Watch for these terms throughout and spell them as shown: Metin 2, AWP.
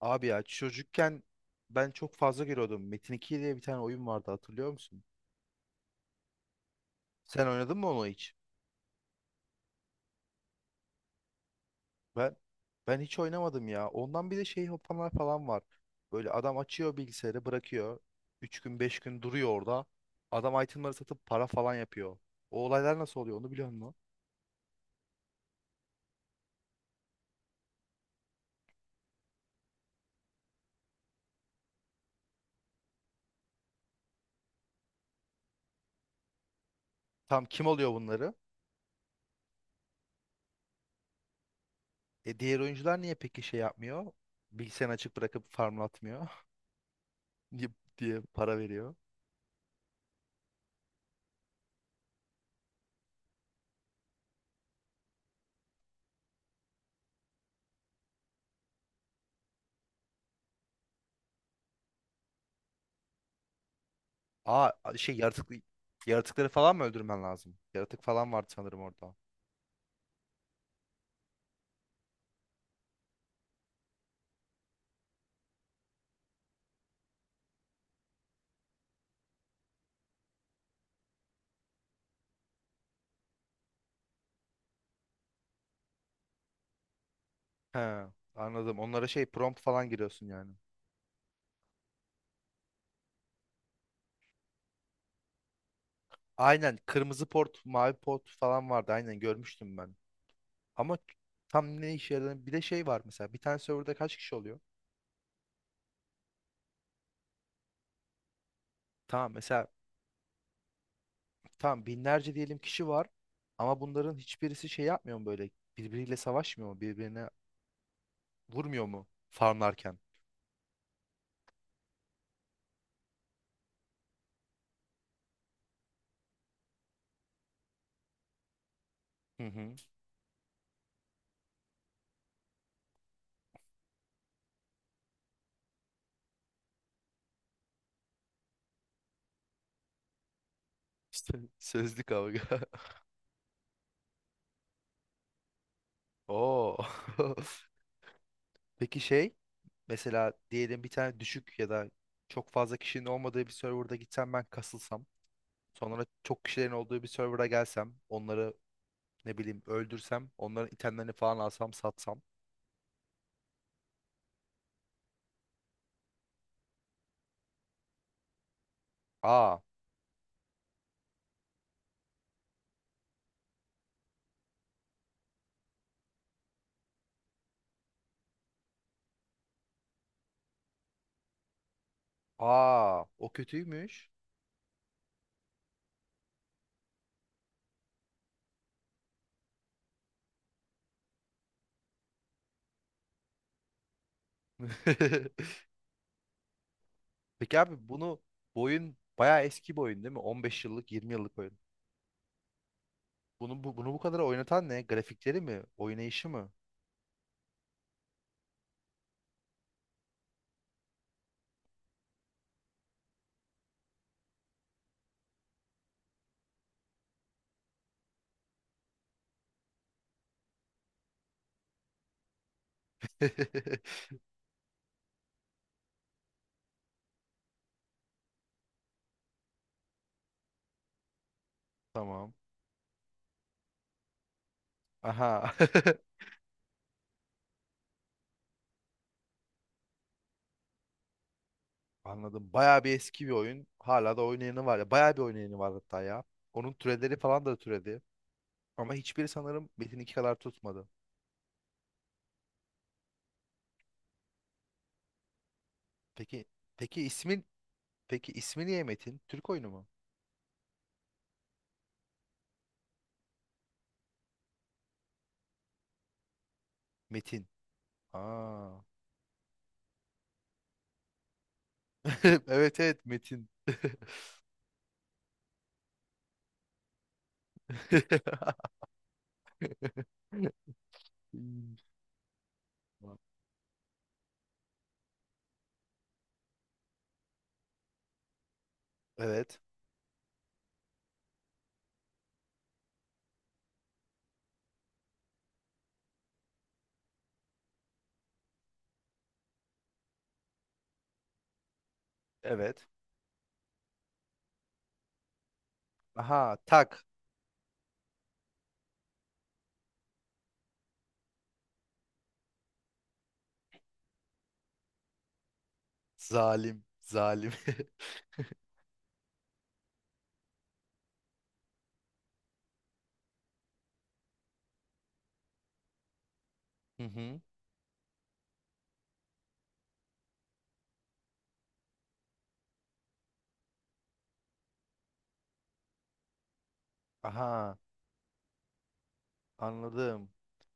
Abi ya çocukken ben çok fazla giriyordum. Metin 2 diye bir tane oyun vardı hatırlıyor musun? Sen oynadın mı onu hiç? Ben ben hiç oynamadım ya. Ondan bir de şey hopanlar falan var. Böyle adam açıyor bilgisayarı bırakıyor. 3 gün 5 gün duruyor orada. Adam itemları satıp para falan yapıyor. O olaylar nasıl oluyor onu biliyor musun? Tam kim alıyor bunları? E diğer oyuncular niye peki şey yapmıyor? Bilgisayarını açık bırakıp farmlatmıyor diye diye para veriyor. Aa, şey yaratıkları falan mı öldürmen lazım? Yaratık falan vardı sanırım orada. He, anladım. Onlara şey prompt falan giriyorsun yani. Aynen, kırmızı port, mavi port falan vardı. Aynen görmüştüm ben. Ama tam ne işe yaradığını, bir de şey var mesela. Bir tane serverda kaç kişi oluyor? Tamam, mesela tamam, binlerce diyelim kişi var. Ama bunların hiçbirisi şey yapmıyor mu böyle? Birbiriyle savaşmıyor mu? Birbirine vurmuyor mu farmlarken? Hı hı. İşte sözlü kavga. Oo. Peki şey, mesela diyelim bir tane düşük ya da çok fazla kişinin olmadığı bir serverda gitsem, ben kasılsam, sonra çok kişilerin olduğu bir serverda gelsem onları ne bileyim öldürsem, onların itemlerini falan alsam satsam. Aa, aa, o kötüymüş. Peki abi bu oyun bayağı eski bir oyun değil mi? 15 yıllık, 20 yıllık oyun. Bunu bu kadar oynatan ne? Grafikleri mi? Oynayışı mı? Tamam. Aha. Anladım. Bayağı bir eski bir oyun. Hala da oynayanı var ya. Bayağı bir oynayanı var hatta ya. Onun türeleri falan da türedi. Ama hiçbiri sanırım Metin 2 kadar tutmadı. Peki peki ismi niye Metin? Türk oyunu mu? Metin. Aa. Evet evet Metin. Evet. Evet. Aha, tak. Zalim. Zalim. Hı hı. Aha. Anladım.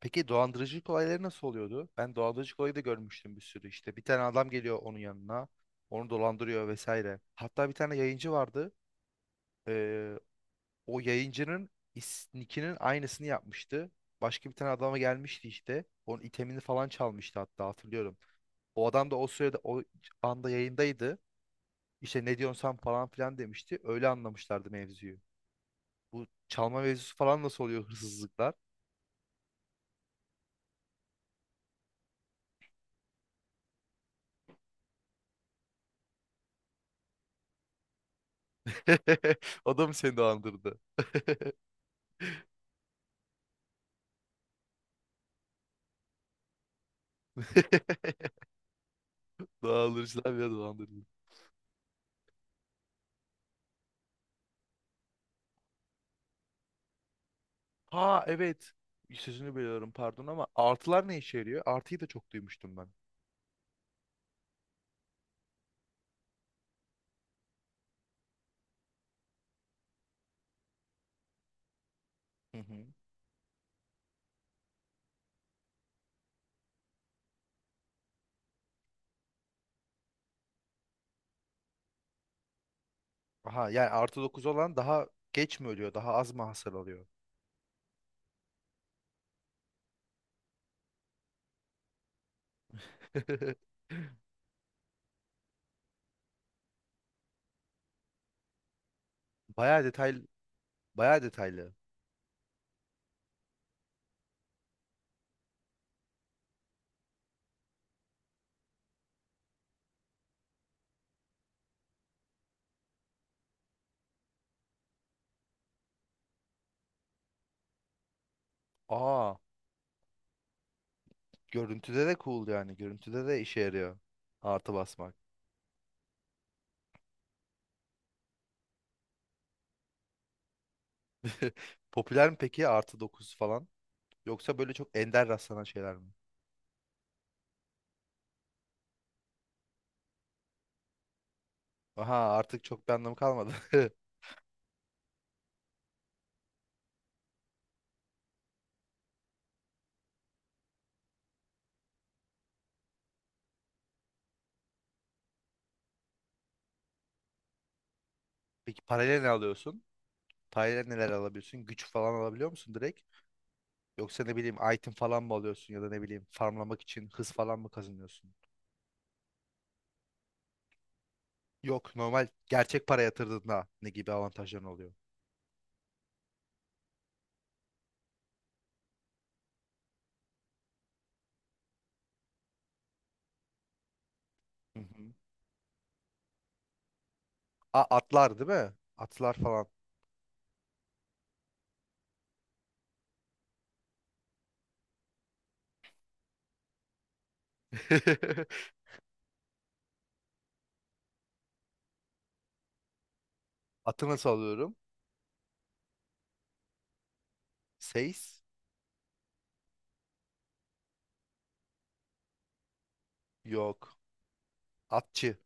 Peki dolandırıcılık olayları nasıl oluyordu? Ben dolandırıcılık olayı da görmüştüm bir sürü işte. Bir tane adam geliyor onun yanına. Onu dolandırıyor vesaire. Hatta bir tane yayıncı vardı. Ee, o yayıncının nickinin aynısını yapmıştı. Başka bir tane adama gelmişti işte. Onun itemini falan çalmıştı, hatta hatırlıyorum. O adam da o anda yayındaydı. İşte ne diyorsun sen falan filan demişti. Öyle anlamışlardı mevzuyu. Bu çalma mevzusu falan nasıl oluyor, hırsızlıklar? O da mı seni dolandırdı? Dolandırıcılar bile dolandırdı. Ha, evet. Sözünü bölüyorum pardon, ama artılar ne işe yarıyor? Artıyı da çok duymuştum ben. Hı hı. Aha, yani artı 9 olan daha geç mi ölüyor? Daha az mı hasar alıyor? Bayağı detaylı. Bayağı detaylı. Aa, görüntüde de cool yani. Görüntüde de işe yarıyor. Artı basmak. Popüler mi peki artı 9 falan? Yoksa böyle çok ender rastlanan şeyler mi? Aha, artık çok bir anlamı kalmadı. Peki parayla ne alıyorsun? Parayla neler alabiliyorsun? Güç falan alabiliyor musun direkt? Yoksa ne bileyim item falan mı alıyorsun, ya da ne bileyim farmlamak için hız falan mı kazanıyorsun? Yok, normal gerçek para yatırdığında ne gibi avantajların oluyor? Hı hı. A, atlar değil mi? Atlar falan. Atı nasıl alıyorum? Seis? Yok. Atçı.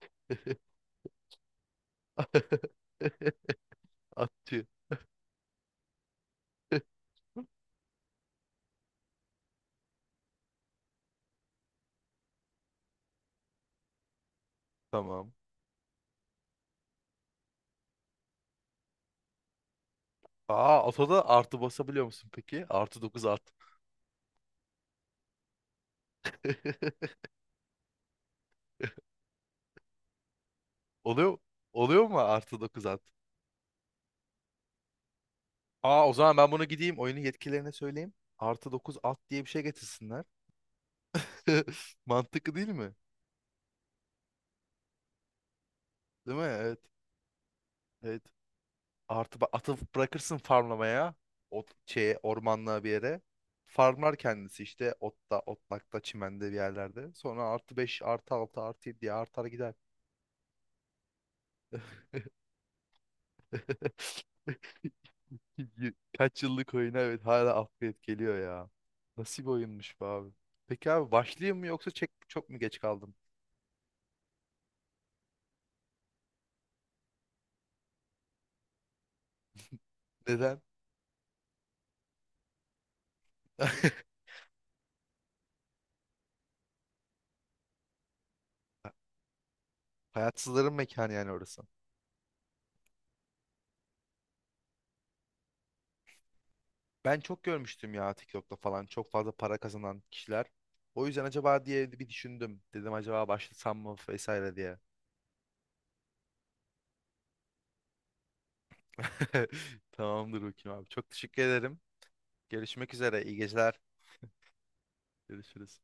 Atçı. Tamam. Aa, atoda artı basabiliyor musun peki? Artı 9 at. Oluyor oluyor mu artı 9 at? Aa, o zaman ben bunu gideyim oyunun yetkililerine söyleyeyim. Artı 9 at diye bir şey getirsinler. Mantıklı değil mi? Değil mi? Evet. Evet. Atı bırakırsın farmlamaya. Ot şeye, ormanlığa bir yere. Farmlar kendisi işte otta, otlakta, çimende bir yerlerde. Sonra artı 5, artı 6, artı 7 diye artar gider. Y- Kaç yıllık oyuna evet hala upgrade geliyor ya. Nasıl bir oyunmuş bu abi. Peki abi başlayayım mı, yoksa çok mu geç kaldım? Neden? Hayatsızların mekanı yani orası. Ben çok görmüştüm ya, TikTok'ta falan çok fazla para kazanan kişiler. O yüzden acaba diye bir düşündüm. Dedim acaba başlasam mı vesaire diye. Tamamdır, bakayım abi. Çok teşekkür ederim. Görüşmek üzere. İyi geceler. Görüşürüz.